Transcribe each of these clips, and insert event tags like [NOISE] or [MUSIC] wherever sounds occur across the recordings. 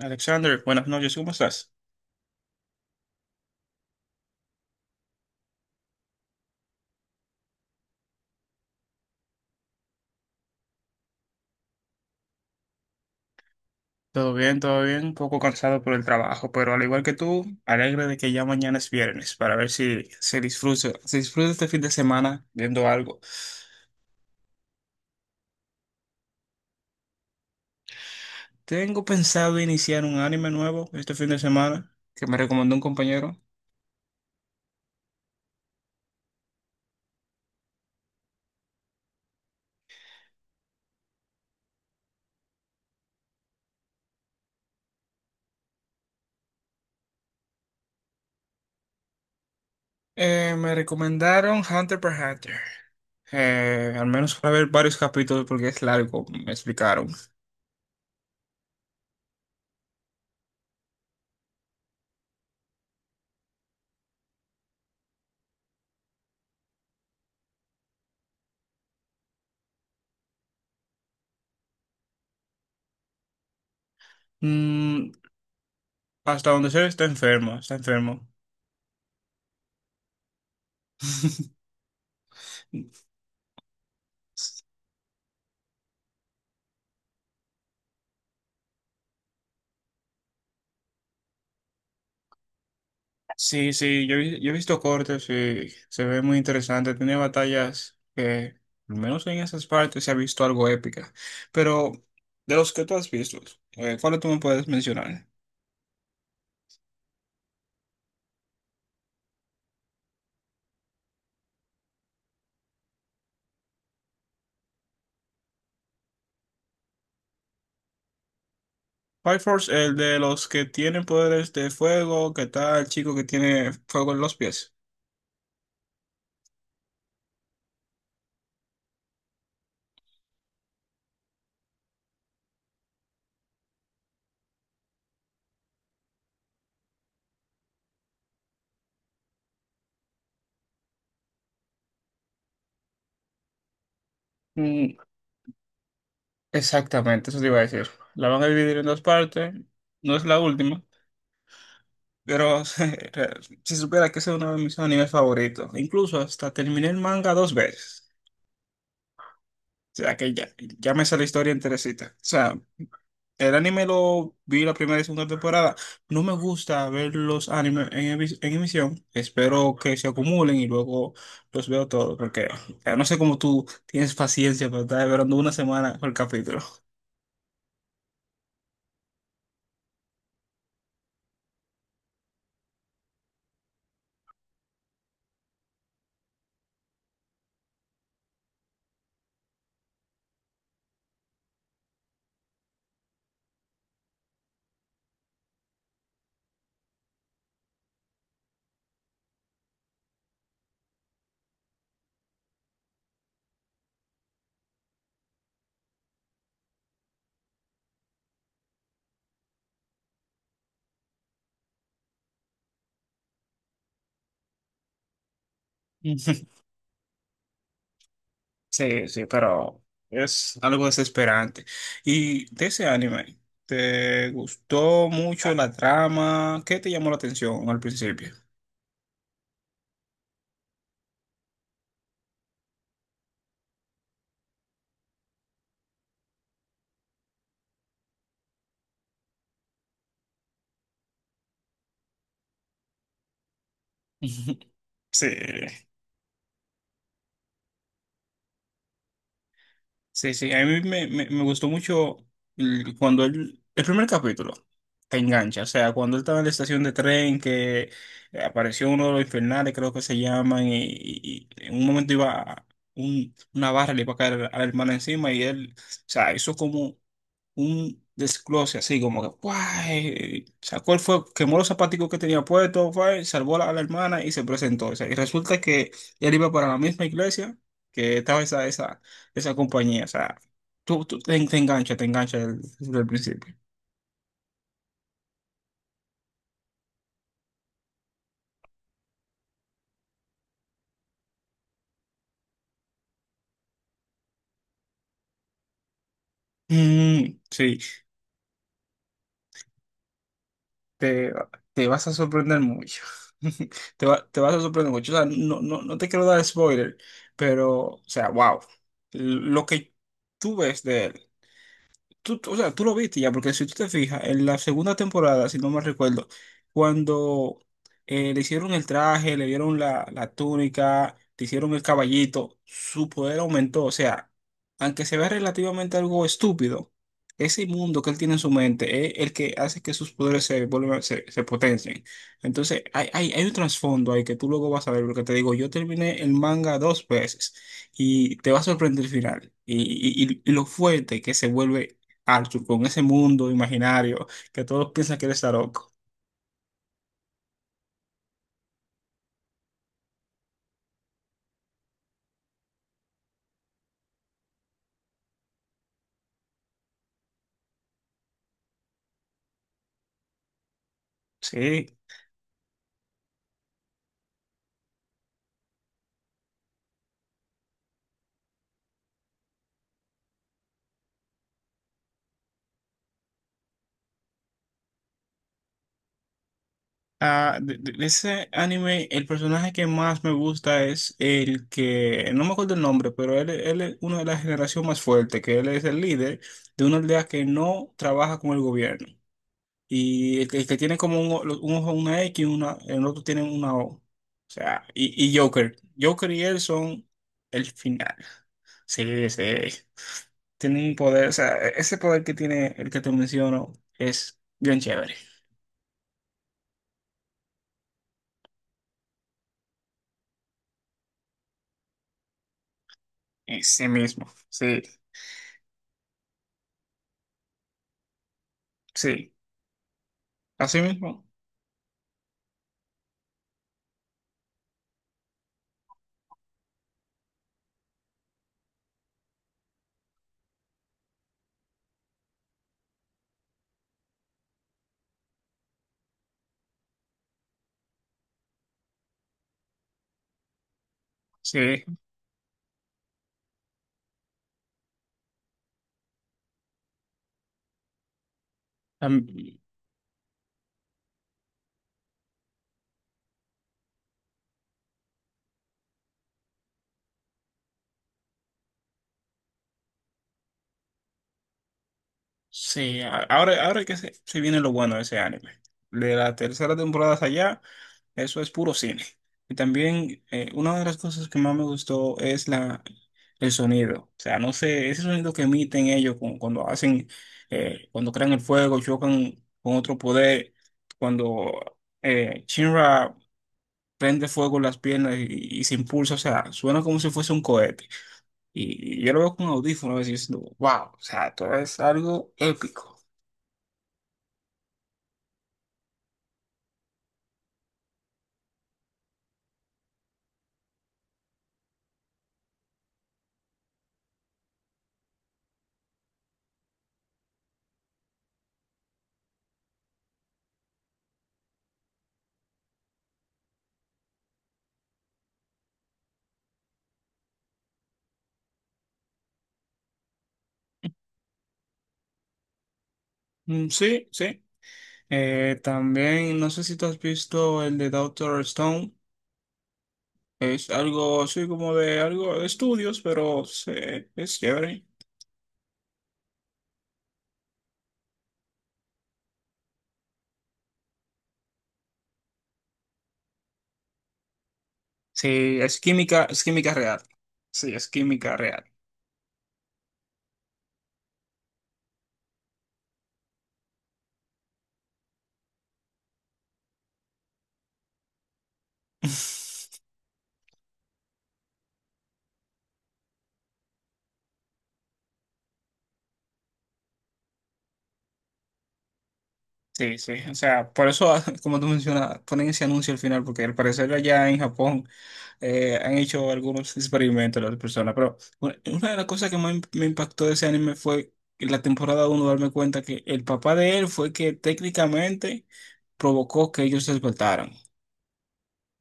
Alexander, buenas noches, ¿cómo estás? Todo bien, un poco cansado por el trabajo, pero al igual que tú, alegre de que ya mañana es viernes para ver si se disfruta, se disfruta este fin de semana viendo algo. Tengo pensado iniciar un anime nuevo este fin de semana que me recomendó un compañero. Me recomendaron Hunter x Hunter. Al menos para ver varios capítulos porque es largo, me explicaron. Mm, Hasta donde sé está enfermo, está enfermo. [LAUGHS] Sí, sí, yo he visto cortes y se ve muy interesante. Tiene batallas que, al menos en esas partes, se ha visto algo épica. Pero de los que tú has visto, ¿cuál tú me puedes mencionar? Fire Force, el de los que tienen poderes de fuego, que tal el chico que tiene fuego en los pies? Mm, Exactamente, eso te iba a decir. La van a dividir en dos partes, no es la última, pero [LAUGHS] si supiera que esa es una de mis animes favoritos. Incluso hasta terminé el manga dos veces. O sea, que ya, ya me sé la historia enterecita. O sea, el anime lo vi la primera y segunda temporada. No me gusta ver los animes en emisión. Espero que se acumulen y luego los veo todos. Porque o sea, no sé cómo tú tienes paciencia para estar esperando una semana por capítulo. [LAUGHS] Sí, sí, pero es algo desesperante. ¿Y de ese anime, te gustó mucho la trama? ¿Qué te llamó la atención al principio? [LAUGHS] Sí. Sí, sí, a mí me gustó mucho cuando él, el primer capítulo te engancha, o sea, cuando él estaba en la estación de tren que apareció uno de los infernales, creo que se llaman, y en un momento una barra, le iba a caer a la hermana encima y él, o sea, hizo como un desglose así, como que ¡guay! Sacó el fuego, quemó los zapaticos que tenía puestos, ¡guay! Salvó a la hermana y se presentó. O sea, y resulta que él iba para la misma iglesia que estaba esa compañía. O sea, te engancha desde el principio. Sí, te, te vas a sorprender mucho. [LAUGHS] Te vas a sorprender mucho. O sea, no te quiero dar spoiler, pero, o sea, wow. Lo que tú ves de él. O sea, tú lo viste ya, porque si tú te fijas, en la segunda temporada, si no me recuerdo, cuando le hicieron el traje, le dieron la túnica, le hicieron el caballito, su poder aumentó. O sea, aunque se vea relativamente algo estúpido, ese mundo que él tiene en su mente es el que hace que sus poderes se se potencien. Entonces, hay un trasfondo ahí que tú luego vas a ver, porque te digo, yo terminé el manga dos veces y te va a sorprender el final y lo fuerte que se vuelve Arthur con ese mundo imaginario que todos piensan que él está loco. Sí. Ah, de ese anime, el personaje que más me gusta es el que, no me acuerdo el nombre, pero él es uno de la generación más fuerte, que él es el líder de una aldea que no trabaja con el gobierno. Y el que tiene como un ojo una X, una, el otro tiene una O. O sea, y Joker. Joker y él son el final. Sí, sí. Tiene un poder, o sea, ese poder que tiene el que te menciono es bien chévere. En sí mismo, sí, sí. Así mismo, sí. Sí, ahora, ahora que se viene lo bueno de ese anime. De la tercera temporada hacia allá, eso es puro cine. Y también una de las cosas que más me gustó es la, el sonido. O sea, no sé, ese sonido que emiten ellos cuando hacen, cuando crean el fuego, chocan con otro poder, cuando Shinra prende fuego en las piernas y se impulsa, o sea, suena como si fuese un cohete. Y yo lo veo con audífonos y diciendo, wow, o sea, todo es algo épico. Sí, sí. También, no sé si tú has visto el de Doctor Stone. Es algo, sí, como de algo de estudios, pero sí, es chévere. Sí, es química real. Sí, es química real. [LAUGHS] Sí, sí, o sea, por eso, [LAUGHS] como tú mencionas, ponen ese anuncio al final, porque al parecer allá en Japón han hecho algunos experimentos las personas, pero una de las cosas que más me impactó de ese anime fue en la temporada uno darme cuenta que el papá de él fue que técnicamente provocó que ellos se despertaran.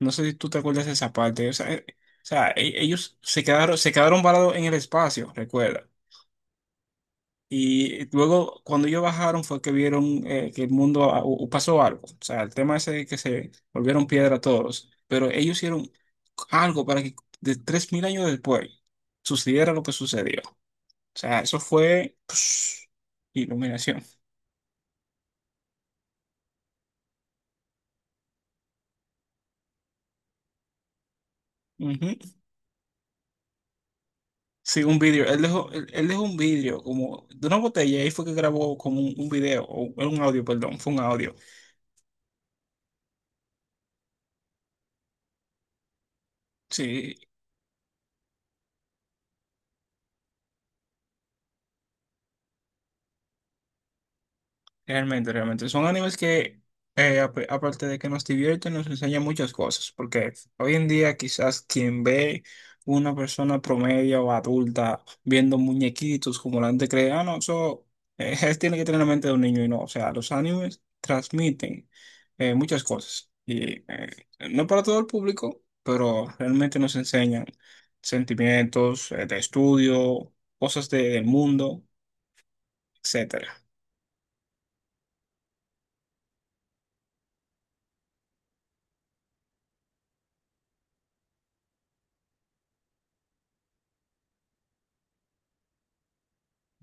No sé si tú te acuerdas de esa parte, o sea, ellos se quedaron varados en el espacio, recuerda. Y luego, cuando ellos bajaron, fue que vieron que el mundo pasó algo. O sea, el tema ese de que se volvieron piedra todos. Pero ellos hicieron algo para que de 3.000 años después sucediera lo que sucedió. O sea, eso fue psh, iluminación. Ujú. Sí, un vídeo. Él dejó, él dejó un vídeo como de una botella. Y ahí fue que grabó como un video, o un audio, perdón. Fue un audio. Sí, realmente, realmente. Son animes que, aparte de que nos divierten, nos enseñan muchas cosas. Porque hoy en día quizás quien ve una persona promedio o adulta viendo muñequitos como la gente cree, ah, no, eso [LAUGHS] tiene que tener la mente de un niño y no. O sea, los animes transmiten muchas cosas. Y no para todo el público, pero realmente nos enseñan sentimientos, de estudio, cosas del mundo, etcétera.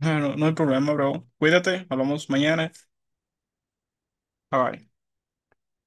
Ah, no, no hay problema, bro. Cuídate, hablamos mañana. Bye bye.